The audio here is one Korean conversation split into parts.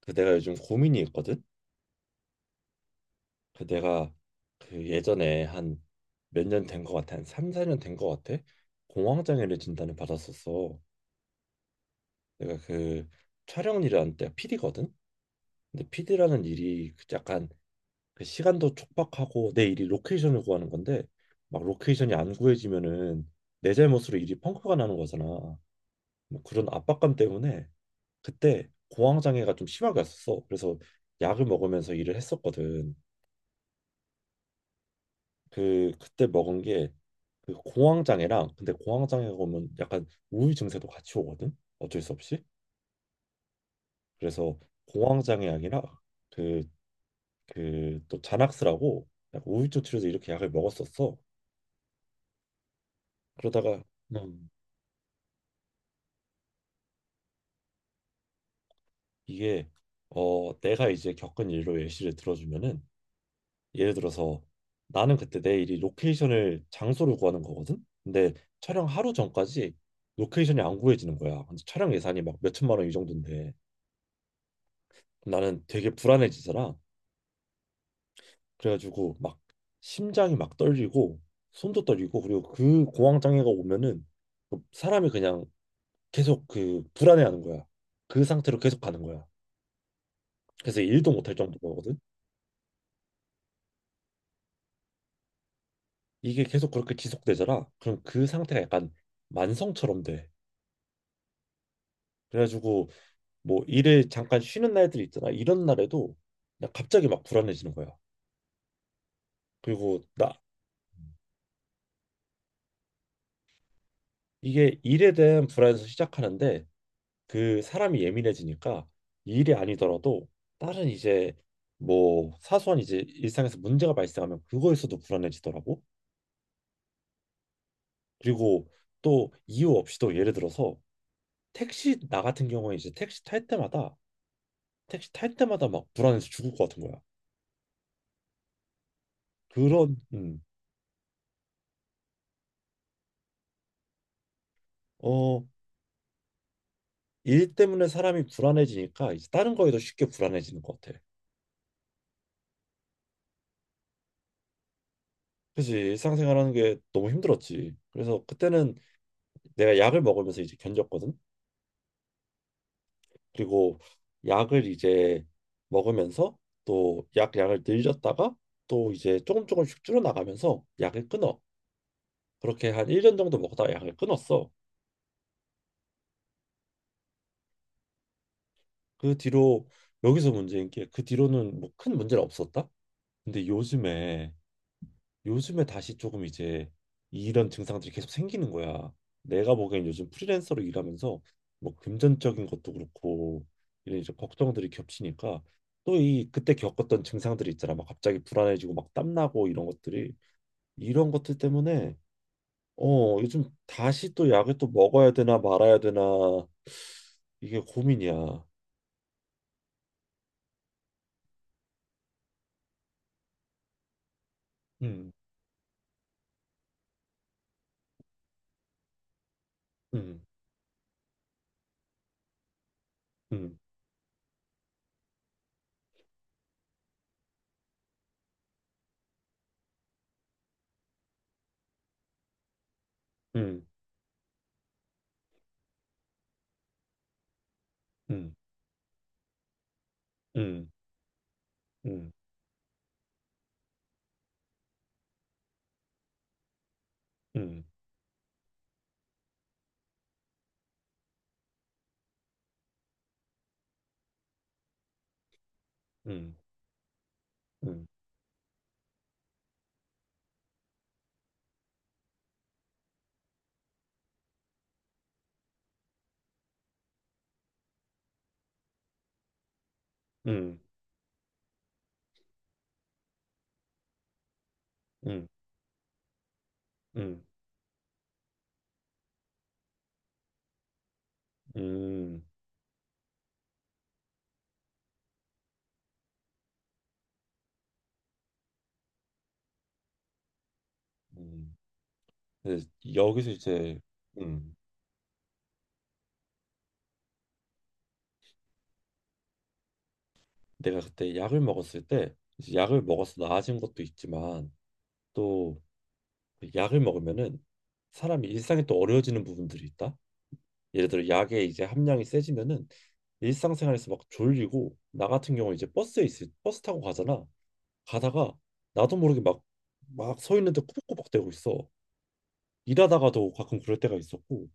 그 내가 요즘 고민이 있거든. 그 내가 그 예전에 한 몇 년 된 것 같아. 한 3, 4년 된 것 같아. 공황장애를 진단을 받았었어. 내가 그 촬영 일하는 때가 PD거든. 근데 PD라는 일이 그 약간 그 시간도 촉박하고 내 일이 로케이션을 구하는 건데 막 로케이션이 안 구해지면은 내 잘못으로 일이 펑크가 나는 거잖아. 뭐 그런 압박감 때문에 그때 공황장애가 좀 심하게 왔었어. 그래서 약을 먹으면서 일을 했었거든. 그 그때 먹은 게 그 공황장애랑 근데 공황장애가 오면 약간 우울 증세도 같이 오거든 어쩔 수 없이 그래서 공황장애 약이랑 그 그 또 자낙스라고 약간 우울증 치료제 이렇게 약을 먹었었어. 그러다가 음, 이게 내가 이제 겪은 일로 예시를 들어주면은 예를 들어서 나는 그때 내 일이 로케이션을 장소를 구하는 거거든. 근데 촬영 하루 전까지 로케이션이 안 구해지는 거야. 근데 촬영 예산이 막 몇천만 원 이 정도인데 나는 되게 불안해지더라. 그래가지고 막 심장이 막 떨리고 손도 떨리고 그리고 그 공황 장애가 오면은 뭐 사람이 그냥 계속 그 불안해하는 거야. 그 상태로 계속 가는 거야. 그래서 일도 못할 정도거든. 이게 계속 그렇게 지속되더라. 그럼 그 상태가 약간 만성처럼 돼. 그래가지고 뭐 일을 잠깐 쉬는 날들이 있잖아. 이런 날에도 그냥 갑자기 막 불안해지는 거야. 그리고 나 이게 일에 대한 불안에서 시작하는데 그 사람이 예민해지니까 이 일이 아니더라도 다른 이제 뭐 사소한 이제 일상에서 문제가 발생하면 그거에서도 불안해지더라고. 그리고 또 이유 없이도 예를 들어서 택시 나 같은 경우에 이제 택시 탈 때마다 막 불안해서 죽을 것 같은 거야. 그런 어, 일 때문에 사람이 불안해지니까 이제 다른 거에도 쉽게 불안해지는 것 같아. 그치 일상생활하는 게 너무 힘들었지. 그래서 그때는 내가 약을 먹으면서 이제 견뎠거든. 그리고 약을 이제 먹으면서 또 약 양을 늘렸다가 또 이제 조금 조금씩 줄어나가면서 약을 끊어. 그렇게 한 1년 정도 먹다가 약을 끊었어. 그 뒤로 여기서 문제인 게 그 뒤로는 뭐 큰 문제는 없었다. 근데 요즘에 다시 조금 이제 이런 증상들이 계속 생기는 거야. 내가 보기엔 요즘 프리랜서로 일하면서 뭐 금전적인 것도 그렇고 이런 이제 걱정들이 겹치니까 또 이 그때 겪었던 증상들이 있잖아. 막 갑자기 불안해지고 막 땀나고 이런 것들이 이런 것들 때문에 요즘 다시 또 약을 또 먹어야 되나 말아야 되나 이게 고민이야. 음, 음, 음, 음, 음, 음, 음, 음, 음, 음, 음, 음, 음. 음, 음. 근데 여기서 이제 음, 내가 그때 약을 먹었을 때 이제 약을 먹어서 나아진 것도 있지만 또그 약을 먹으면은 사람이 일상이 또 어려워지는 부분들이 있다. 예를 들어 약의 이제 함량이 세지면은 일상생활에서 막 졸리고 나 같은 경우 이제 버스에 있을 버스 타고 가잖아. 가다가 나도 모르게 막 서 있는데 꾸벅꾸벅대고 있어. 일하다가도 가끔 그럴 때가 있었고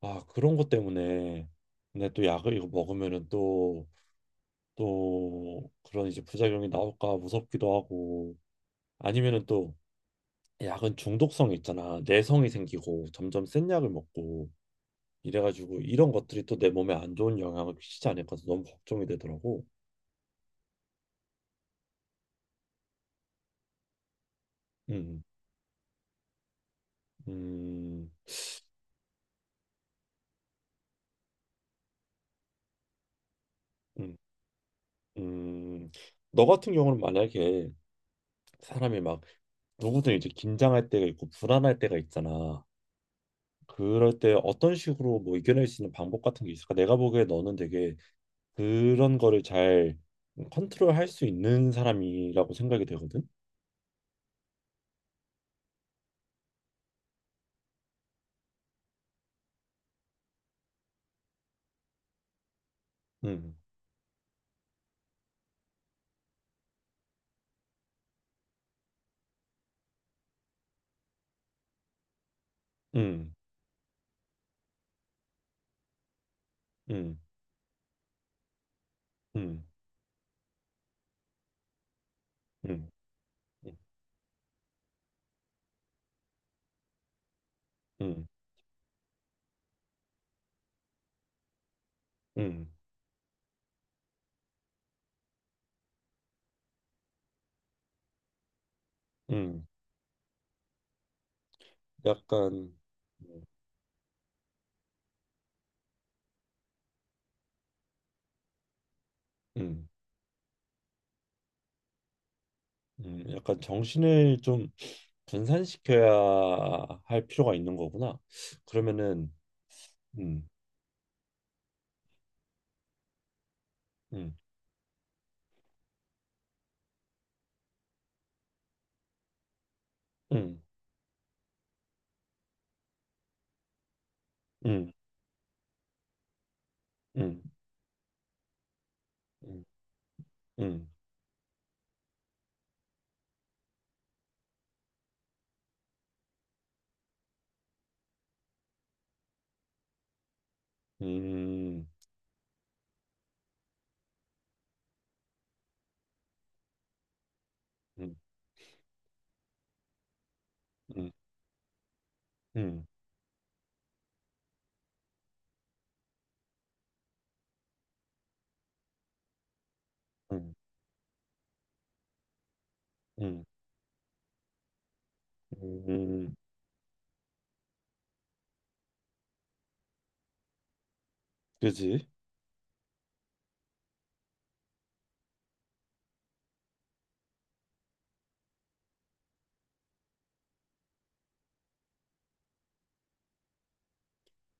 그런 것 때문에 근데 또 약을 이거 먹으면은 또 그런 이제 부작용이 나올까 무섭기도 하고 아니면은 또 약은 중독성이 있잖아. 내성이 생기고 점점 센 약을 먹고 이래가지고 이런 것들이 또 내 몸에 안 좋은 영향을 끼치지 않을까 해서 너무 걱정이 되더라고. 음, 음, 음, 음. 너 같은 경우는 만약에 사람이 막 누구든 이제 긴장할 때가 있고 불안할 때가 있잖아. 그럴 때 어떤 식으로 뭐 이겨낼 수 있는 방법 같은 게 있을까? 내가 보기에 너는 되게 그런 거를 잘 컨트롤할 수 있는 사람이라고 생각이 되거든. 음, 음, 음, 음, 음, 음, 음, 음, 약간, 음, 음, 약간 정신을 좀 분산시켜야 할 필요가 있는 거구나. 그러면은, 음, 음, 음, 음, 음, 음, 음, 음, 음, 음, 음, 음, 음, 음, 그지?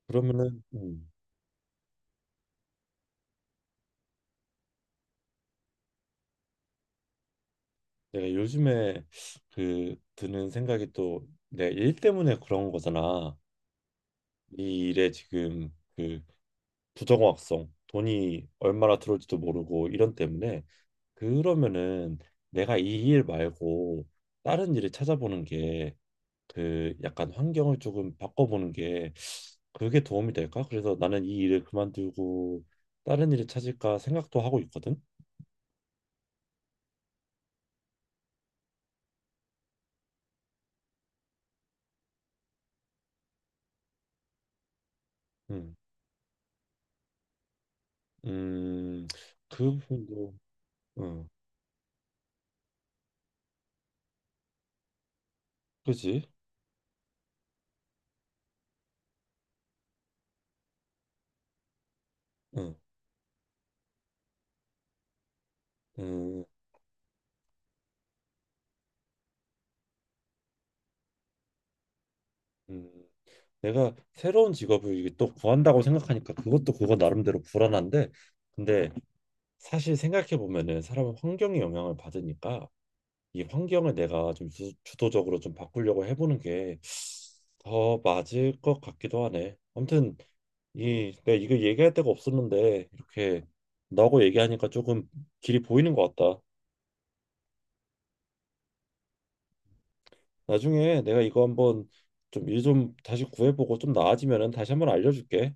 그러면은, 내가 요즘에 그 드는 생각이 또 내가 일 때문에 그런 거잖아. 이 일에 지금 그 부정확성, 돈이 얼마나 들어올지도 모르고 이런 때문에 그러면은 내가 이 일 말고 다른 일을 찾아보는 게 그 약간 환경을 조금 바꿔보는 게 그게 도움이 될까? 그래서 나는 이 일을 그만두고 다른 일을 찾을까 생각도 하고 있거든. 음, 음, 그 부분도, 응, 그지? 어. 음, 음. 내가 새로운 직업을 이게 또 구한다고 생각하니까 그것도 그거 나름대로 불안한데 근데 사실 생각해 보면은 사람은 환경에 영향을 받으니까 이 환경을 내가 좀 주도적으로 좀 바꾸려고 해보는 게 더 맞을 것 같기도 하네. 아무튼 이 내가 이거 얘기할 데가 없었는데 이렇게 너하고 얘기하니까 조금 길이 보이는 것 같다. 나중에 내가 이거 한번 좀 일 좀 다시 구해보고 좀 나아지면은 다시 한번 알려줄게.